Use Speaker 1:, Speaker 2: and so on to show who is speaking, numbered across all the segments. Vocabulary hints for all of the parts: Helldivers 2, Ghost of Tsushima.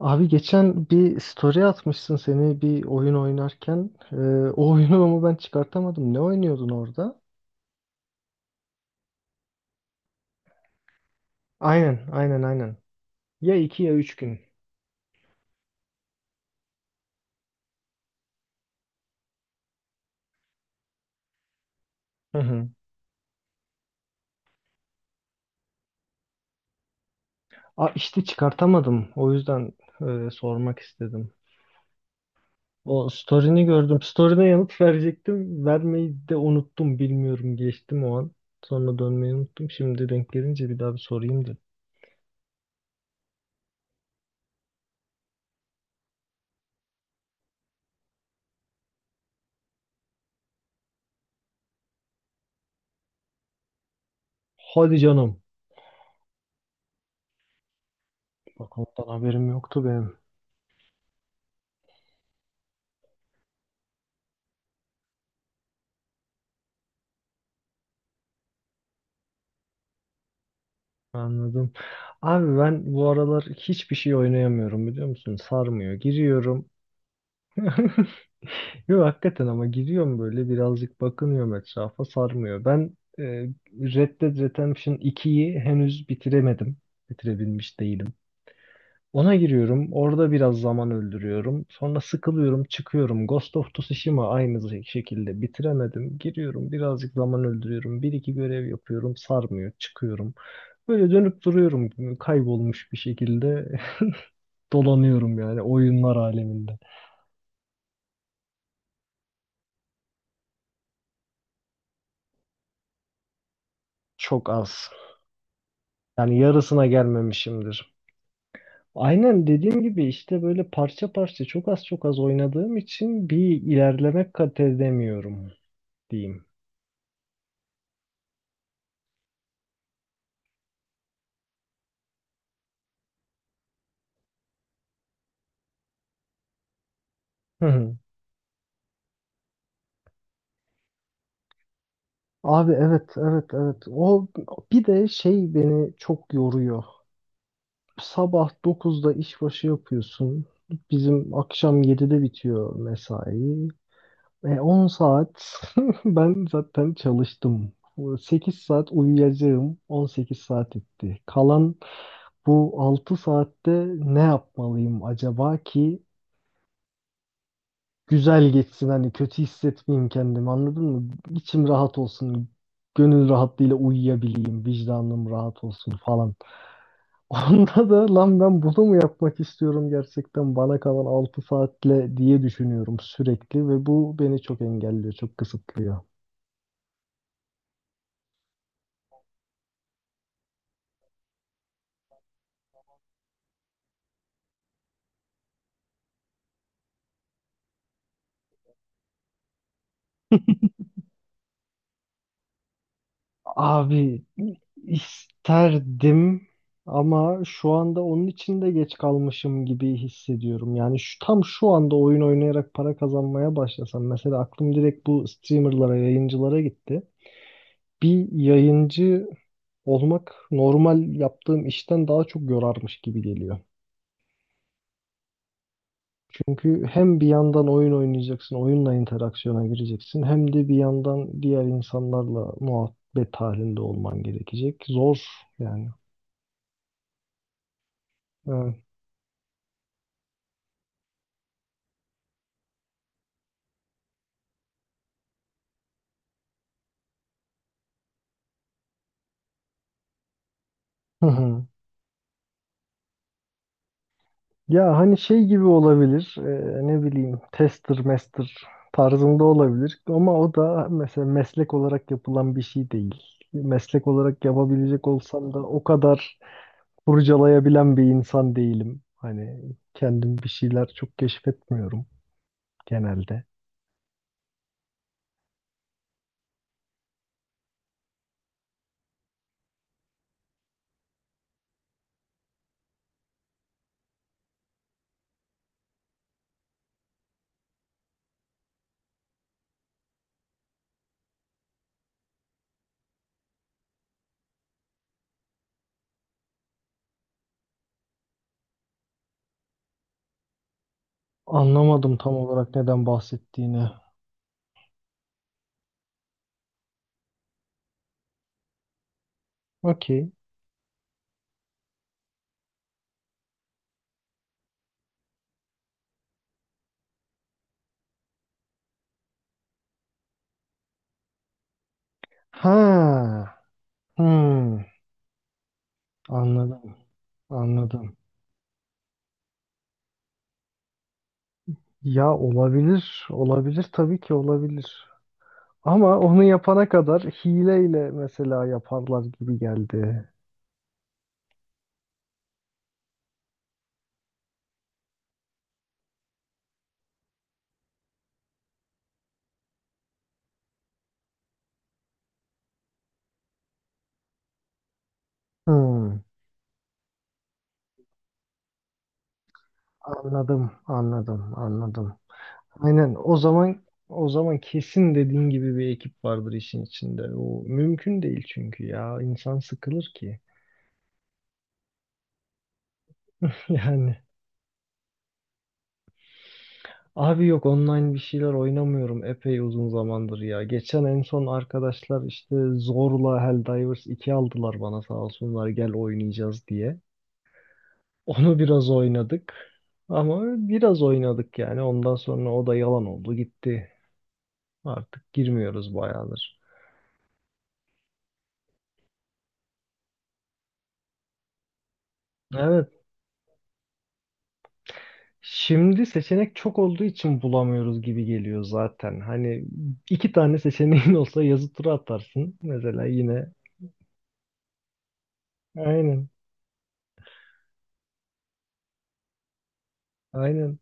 Speaker 1: Abi geçen bir story atmışsın seni bir oyun oynarken. O oyunu ama ben çıkartamadım. Ne oynuyordun orada? Aynen, aynen, aynen. Ya iki ya üç gün. Hı hı. Aa, işte çıkartamadım. O yüzden sormak istedim. O story'ni gördüm. Story'ne yanıt verecektim. Vermeyi de unuttum. Bilmiyorum geçtim o an. Sonra dönmeyi unuttum. Şimdi denk gelince bir daha bir sorayım dedim. Hadi canım. Bak ondan haberim yoktu benim. Anladım. Abi ben bu aralar hiçbir şey oynayamıyorum biliyor musun? Sarmıyor. Giriyorum. Yok hakikaten ama giriyorum böyle birazcık bakınıyorum etrafa sarmıyor. Red Dead Redemption 2'yi henüz bitiremedim. Bitirebilmiş değilim. Ona giriyorum. Orada biraz zaman öldürüyorum. Sonra sıkılıyorum, çıkıyorum. Ghost of Tsushima aynı şekilde bitiremedim. Giriyorum, birazcık zaman öldürüyorum. Bir iki görev yapıyorum, sarmıyor, çıkıyorum. Böyle dönüp duruyorum kaybolmuş bir şekilde. Dolanıyorum yani oyunlar aleminde. Çok az. Yani yarısına gelmemişimdir. Aynen dediğim gibi işte böyle parça parça çok az çok az oynadığım için bir ilerleme kat edemiyorum diyeyim. Hı hı. Abi evet evet evet. O bir de şey beni çok yoruyor. Sabah 9'da işbaşı yapıyorsun. Bizim akşam 7'de bitiyor mesai. 10 saat ben zaten çalıştım. 8 saat uyuyacağım. 18 saat etti. Kalan bu 6 saatte ne yapmalıyım acaba ki güzel geçsin hani kötü hissetmeyeyim kendimi anladın mı? İçim rahat olsun. Gönül rahatlığıyla uyuyabileyim. Vicdanım rahat olsun falan. Onda da lan ben bunu mu yapmak istiyorum gerçekten bana kalan 6 saatle diye düşünüyorum sürekli ve bu beni çok engelliyor, çok kısıtlıyor. Abi isterdim ama şu anda onun için de geç kalmışım gibi hissediyorum. Yani şu tam şu anda oyun oynayarak para kazanmaya başlasam mesela aklım direkt bu streamerlara, yayıncılara gitti. Bir yayıncı olmak normal yaptığım işten daha çok yorarmış gibi geliyor. Çünkü hem bir yandan oyun oynayacaksın, oyunla interaksiyona gireceksin, hem de bir yandan diğer insanlarla muhabbet halinde olman gerekecek. Zor yani. Ee, Hı hı. Ya hani şey gibi olabilir, ne bileyim tester master tarzında olabilir ama o da mesela meslek olarak yapılan bir şey değil. Meslek olarak yapabilecek olsam da o kadar kurcalayabilen bir insan değilim. Hani kendim bir şeyler çok keşfetmiyorum genelde. Anlamadım tam olarak neden bahsettiğini. Okey. Ha. Hmm. Anladım. Anladım. Ya olabilir, olabilir tabii ki olabilir. Ama onu yapana kadar hileyle mesela yaparlar gibi geldi. Hmm, anladım, anladım, anladım. Aynen o zaman o zaman kesin dediğin gibi bir ekip vardır işin içinde. O mümkün değil çünkü ya insan sıkılır ki. Yani Abi yok online bir şeyler oynamıyorum epey uzun zamandır ya. Geçen en son arkadaşlar işte zorla Helldivers 2 aldılar bana sağ olsunlar gel oynayacağız diye. Onu biraz oynadık ama biraz oynadık yani ondan sonra o da yalan oldu gitti. Artık girmiyoruz bayağıdır. Evet şimdi seçenek çok olduğu için bulamıyoruz gibi geliyor zaten. Hani iki tane seçeneğin olsa yazı tura atarsın mesela yine. Aynen. Aynen.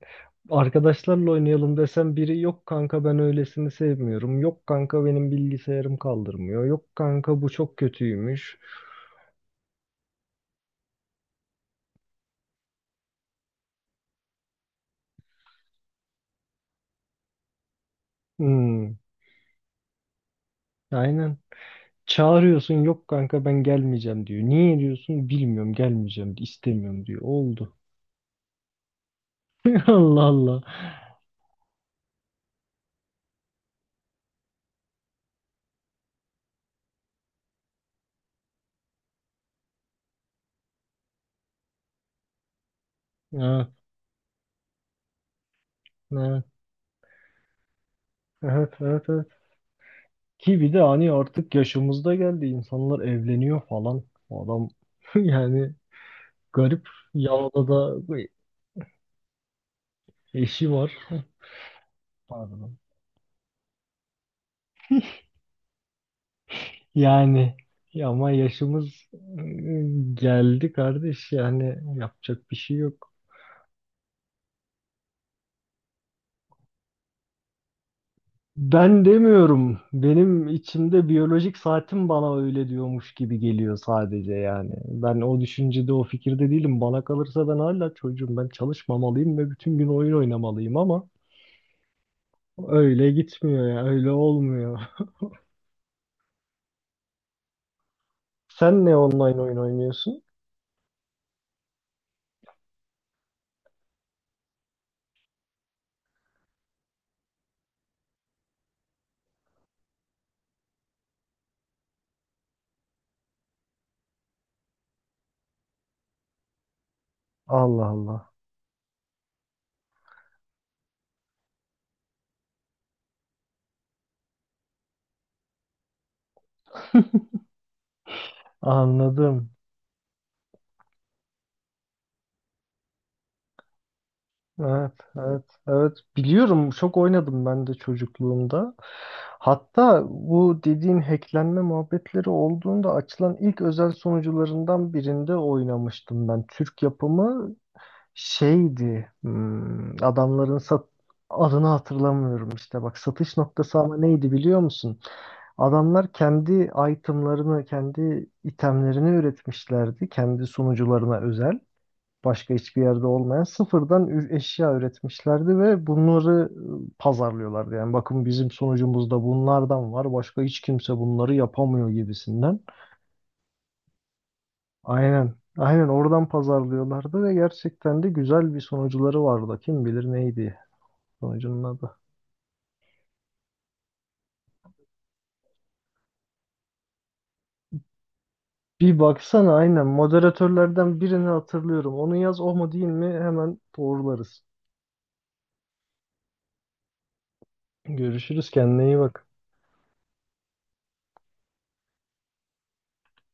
Speaker 1: Arkadaşlarla oynayalım desem biri yok kanka ben öylesini sevmiyorum. Yok kanka benim bilgisayarım kaldırmıyor. Yok kanka bu çok kötüymüş. Hmm, aynen. Çağırıyorsun yok kanka ben gelmeyeceğim diyor. Niye diyorsun bilmiyorum gelmeyeceğim istemiyorum diyor. Oldu. Allah Allah. Ha, ha, evet, evet, evet. Ki bir de hani artık yaşımızda geldi insanlar evleniyor falan. O adam yani garip. Yalova'da da eşi var. Pardon. Yani ya ama yaşımız geldi kardeş yani yapacak bir şey yok. Ben demiyorum. Benim içimde biyolojik saatim bana öyle diyormuş gibi geliyor sadece yani. Ben o düşüncede, o fikirde değilim. Bana kalırsa ben hala çocuğum. Ben çalışmamalıyım ve bütün gün oyun oynamalıyım ama öyle gitmiyor ya, öyle olmuyor. Sen ne online oyun oynuyorsun? Allah Allah. Anladım. Evet, evet, evet. Biliyorum, çok oynadım ben de çocukluğumda. Hatta bu dediğin hacklenme muhabbetleri olduğunda açılan ilk özel sunucularından birinde oynamıştım ben. Türk yapımı şeydi, hmm, adamların sat adını hatırlamıyorum işte. Bak satış noktası ama neydi biliyor musun? Adamlar kendi itemlarını, kendi itemlerini üretmişlerdi, kendi sunucularına özel başka hiçbir yerde olmayan sıfırdan eşya üretmişlerdi ve bunları pazarlıyorlardı. Yani bakın bizim sonucumuzda bunlardan var. Başka hiç kimse bunları yapamıyor gibisinden. Aynen. Aynen oradan pazarlıyorlardı ve gerçekten de güzel bir sonuçları vardı. Kim bilir neydi sonucunun adı. Bir baksana aynen moderatörlerden birini hatırlıyorum. Onu yaz o mu değil mi hemen doğrularız. Görüşürüz kendine iyi bak.